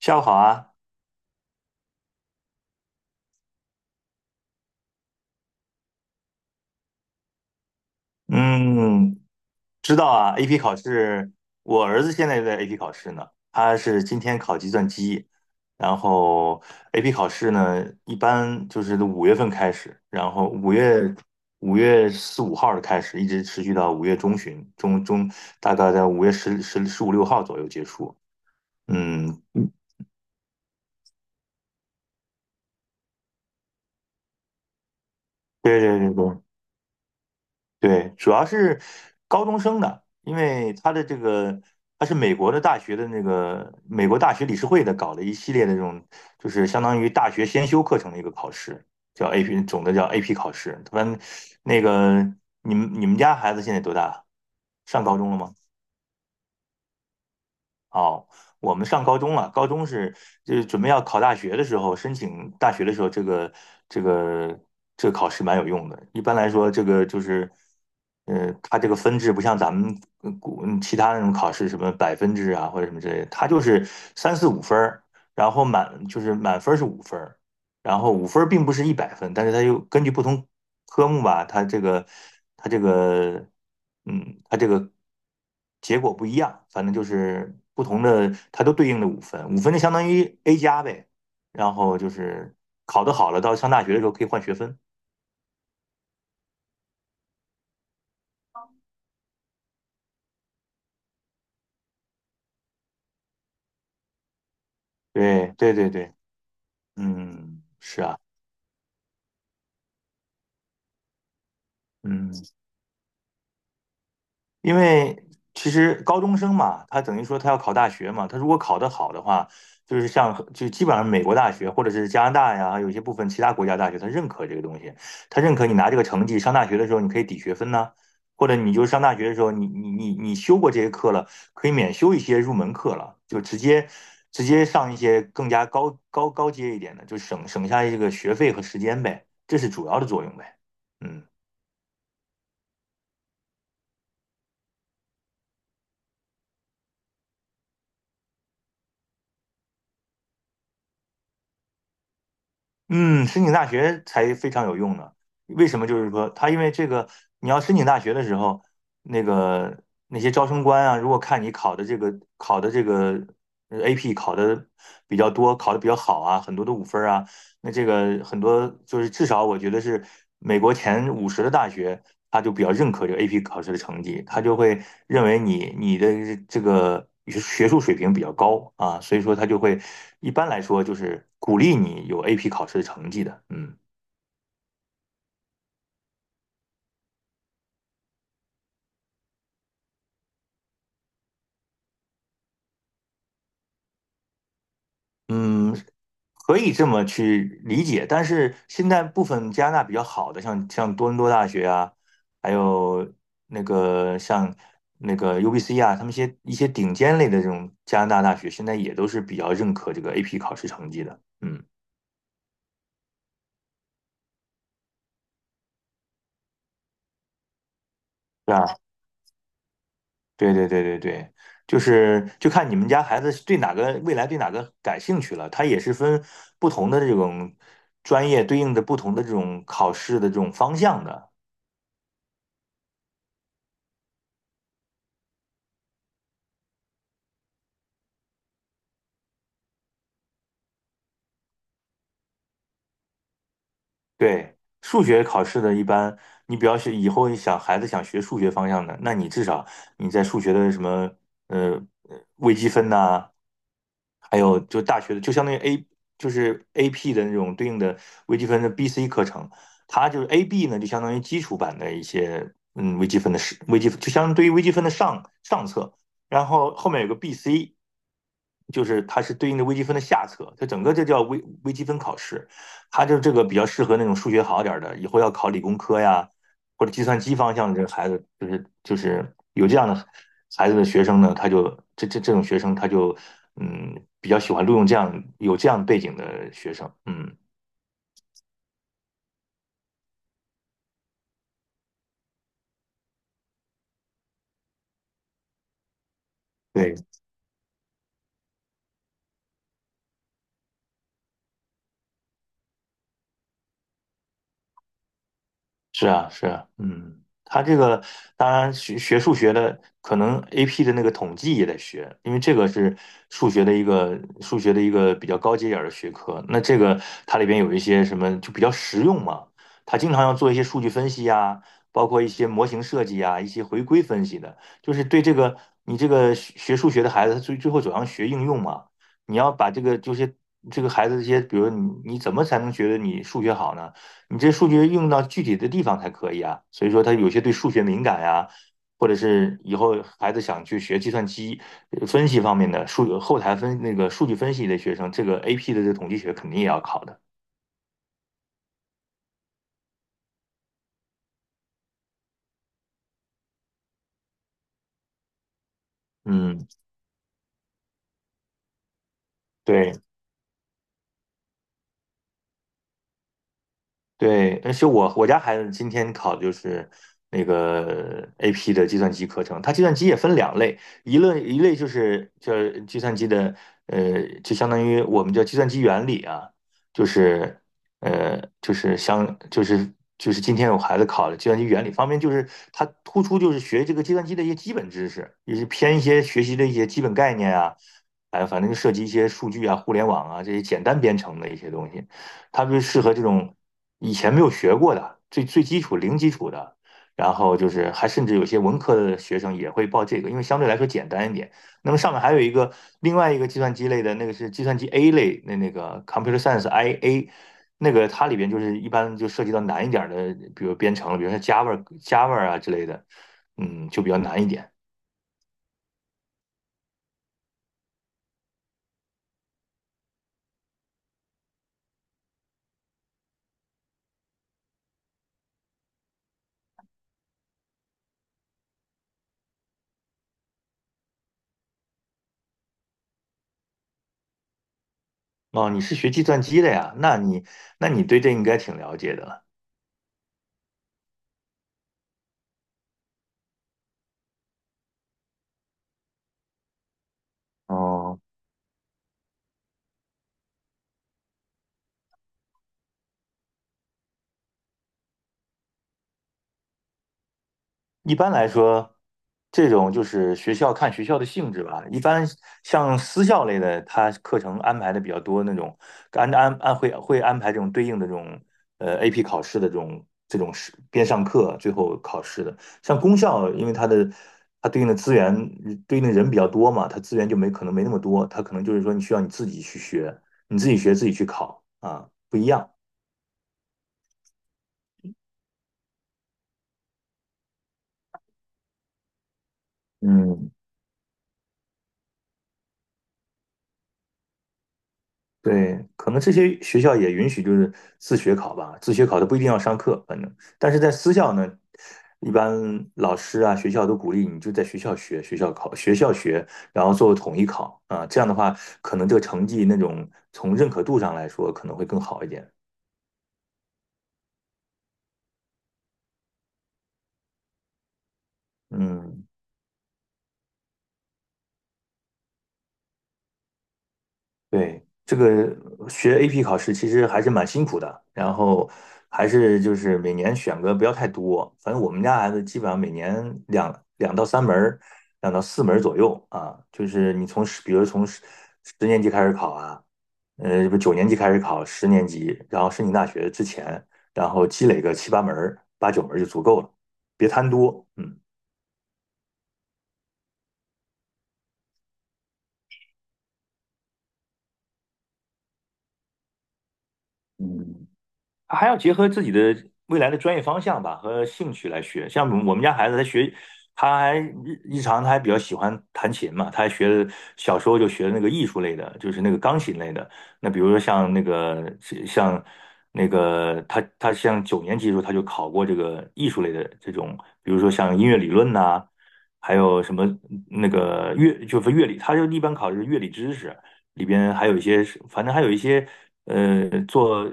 下午好啊。嗯，知道啊，AP 考试，我儿子现在也在 AP 考试呢，他是今天考计算机。然后 AP 考试呢，一般就是5月份开始。然后五月四五号的开始，一直持续到五月中旬，大概在五月十五六号左右结束。嗯。对对对对，对，主要是高中生的。因为他的这个他是美国的大学的那个美国大学理事会的搞了一系列的这种，就是相当于大学先修课程的一个考试，叫 AP,总的叫 AP 考试。他们那个你们家孩子现在多大？上高中了吗？哦，我们上高中了。高中是就是准备要考大学的时候，申请大学的时候，这个这个考试蛮有用的。一般来说，这个就是，它这个分制不像咱们呃古嗯其他那种考试，什么百分制啊或者什么之类的，它就是三四五分儿。然后满就是满分儿是五分儿。然后五分并不是100分，但是它又根据不同科目吧。它这个它这个结果不一样，反正就是不同的，它都对应的五分，五分就相当于 A 加呗。然后就是考得好了，到上大学的时候可以换学分。对对对对。嗯，是啊。嗯。因为其实高中生嘛，他等于说他要考大学嘛。他如果考得好的话，就是像就基本上美国大学或者是加拿大呀，还有一些部分其他国家大学，他认可这个东西。他认可你拿这个成绩上大学的时候，你可以抵学分呐、或者你就上大学的时候，你修过这些课了，可以免修一些入门课了，就直接上一些更加高阶一点的，就省下这个学费和时间呗，这是主要的作用呗。嗯。嗯，申请大学才非常有用呢。为什么？就是说，他因为这个，你要申请大学的时候，那个那些招生官啊，如果看你考的这个AP 考的比较多，考的比较好啊，很多的五分儿啊，那这个很多就是至少我觉得是美国前50的大学，他就比较认可这个 AP 考试的成绩。他就会认为你的这个学术水平比较高啊，所以说他就会一般来说就是鼓励你有 AP 考试的成绩的。嗯。嗯，可以这么去理解。但是现在部分加拿大比较好的，像多伦多大学啊，还有那个像那个 UBC 啊，他们一些顶尖类的这种加拿大大学，现在也都是比较认可这个 AP 考试成绩的。嗯，对吧？对对对对对。就是就看你们家孩子对哪个未来对哪个感兴趣了，他也是分不同的这种专业对应的不同的这种考试的这种方向的。对，数学考试的一般，你比较是以后你想孩子想学数学方向的，那你至少你在数学的什么呃微积分呐、还有就大学的，就相当于 A 就是 AP 的那种对应的微积分的 BC 课程。它就是 AB 呢，就相当于基础版的一些微积分的是微积分，就相当于微积分的上上册。然后后面有个 BC,就是它是对应的微积分的下册，它整个这叫微积分考试。他就是这个比较适合那种数学好点的，以后要考理工科呀，或者计算机方向的这个孩子，就是就是有这样的孩子的学生呢，他就这种学生他就嗯比较喜欢录用这样有这样背景的学生。嗯。对，是啊，是啊。嗯，他这个当然学数学的，可能 AP 的那个统计也得学。因为这个是数学的一个比较高阶点儿的学科。那这个它里边有一些什么就比较实用嘛，它经常要做一些数据分析呀，包括一些模型设计呀，一些回归分析的，就是对这个你这个学数学的孩子，他最后走向学应用嘛。你要把这个就是这个孩子这些，比如你怎么才能觉得你数学好呢？你这数据用到具体的地方才可以啊。所以说，他有些对数学敏感呀、啊或者是以后孩子想去学计算机分析方面的数后台分那个数据分析的学生，这个 AP 的这统计学肯定也要考的。嗯。对。对，而且我家孩子今天考的就是那个 AP 的计算机课程。它计算机也分两类，一类就是叫计算机的，就相当于我们叫计算机原理啊，就是就是今天我孩子考的计算机原理方面，就是它突出就是学这个计算机的一些基本知识，也是偏一些学习的一些基本概念啊。哎，反正就涉及一些数据啊、互联网啊这些简单编程的一些东西。它就适合这种以前没有学过的最基础零基础的。然后就是还甚至有些文科的学生也会报这个，因为相对来说简单一点。那么上面还有一个另外一个计算机类的那个是计算机 A 类，那那个 Computer Science IA,那个它里边就是一般就涉及到难一点的，比如编程了比如说 Java 啊之类的。嗯，就比较难一点。哦，你是学计算机的呀？那你对这应该挺了解的了。哦，一般来说，这种就是学校看学校的性质吧。一般像私校类的，它课程安排的比较多，那种安安安会会安排这种对应的这种AP 考试的这种是边上课最后考试的。像公校，因为它的它对应的资源对应的人比较多嘛，它资源就没可能没那么多。它可能就是说你需要你自己去学，你自己学自己去考啊，不一样。嗯，对，可能这些学校也允许就是自学考吧，自学考的不一定要上课，反正，但是在私校呢，一般老师啊、学校都鼓励你就在学校学，学校考，学校学，然后做统一考啊，这样的话，可能这个成绩那种从认可度上来说可能会更好一点。嗯。对，这个学 AP 考试其实还是蛮辛苦的。然后还是就是每年选个不要太多，反正我们家孩子基本上每年两到三门儿，两到四门儿左右啊，就是你从十，比如从十年级开始考啊，不九年级开始考，十年级，然后申请大学之前，然后积累个七八门儿、八九门儿就足够了，别贪多。嗯。嗯，还要结合自己的未来的专业方向吧和兴趣来学。像我们家孩子，他学，他还日常他还比较喜欢弹琴嘛。他还学了小时候就学那个艺术类的，就是那个钢琴类的。那比如说像那个像那个他像九年级的时候他就考过这个艺术类的这种。比如说像音乐理论呐、还有什么那个乐理，他就一般考的是乐理知识。里边还有一些是反正还有一些做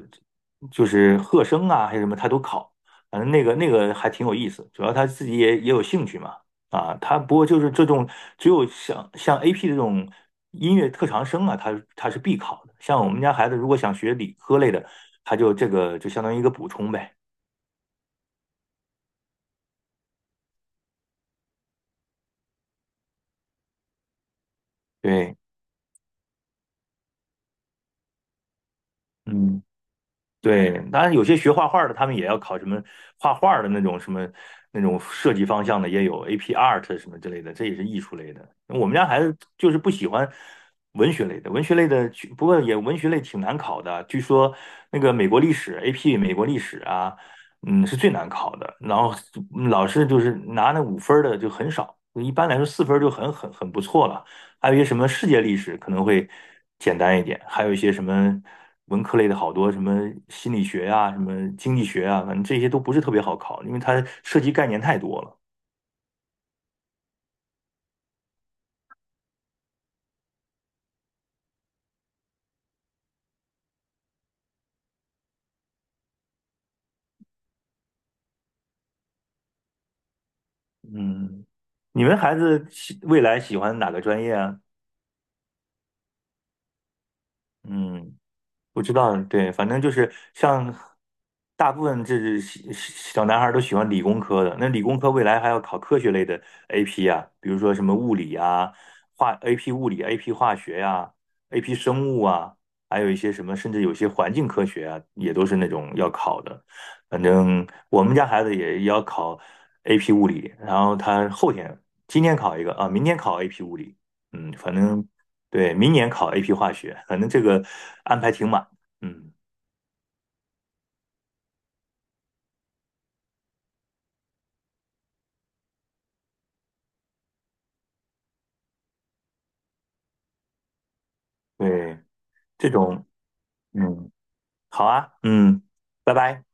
就是和声啊，还是什么，他都考。反正那个那个还挺有意思，主要他自己也有兴趣嘛。啊，他不过就是这种只有像 AP 这种音乐特长生啊，他是必考的。像我们家孩子如果想学理科类的，他就这个就相当于一个补充呗。对。嗯。对，当然有些学画画的，他们也要考什么画画的那种什么那种设计方向的，也有 AP Art 什么之类的，这也是艺术类的。我们家孩子就是不喜欢文学类的，文学类的去不过也文学类挺难考的。据说那个美国历史 AP 美国历史啊，嗯，是最难考的。然后嗯老师就是拿那五分儿的就很少，一般来说4分儿就很不错了。还有一些什么世界历史可能会简单一点，还有一些什么文科类的好多什么心理学呀、什么经济学啊，反正这些都不是特别好考，因为它涉及概念太多了。嗯，你们孩子喜未来喜欢哪个专业啊？嗯。不知道，对，反正就是像大部分这是小男孩儿都喜欢理工科的。那理工科未来还要考科学类的 AP 啊，比如说什么物理啊、AP 物理、AP 化学呀、AP 生物啊，还有一些什么，甚至有些环境科学啊，也都是那种要考的。反正我们家孩子也要考 AP 物理。然后他后天今天考一个啊，明天考 AP 物理。嗯，反正。对，明年考 AP 化学。反正这个安排挺满嗯。对，这种。嗯，好啊。嗯，拜拜。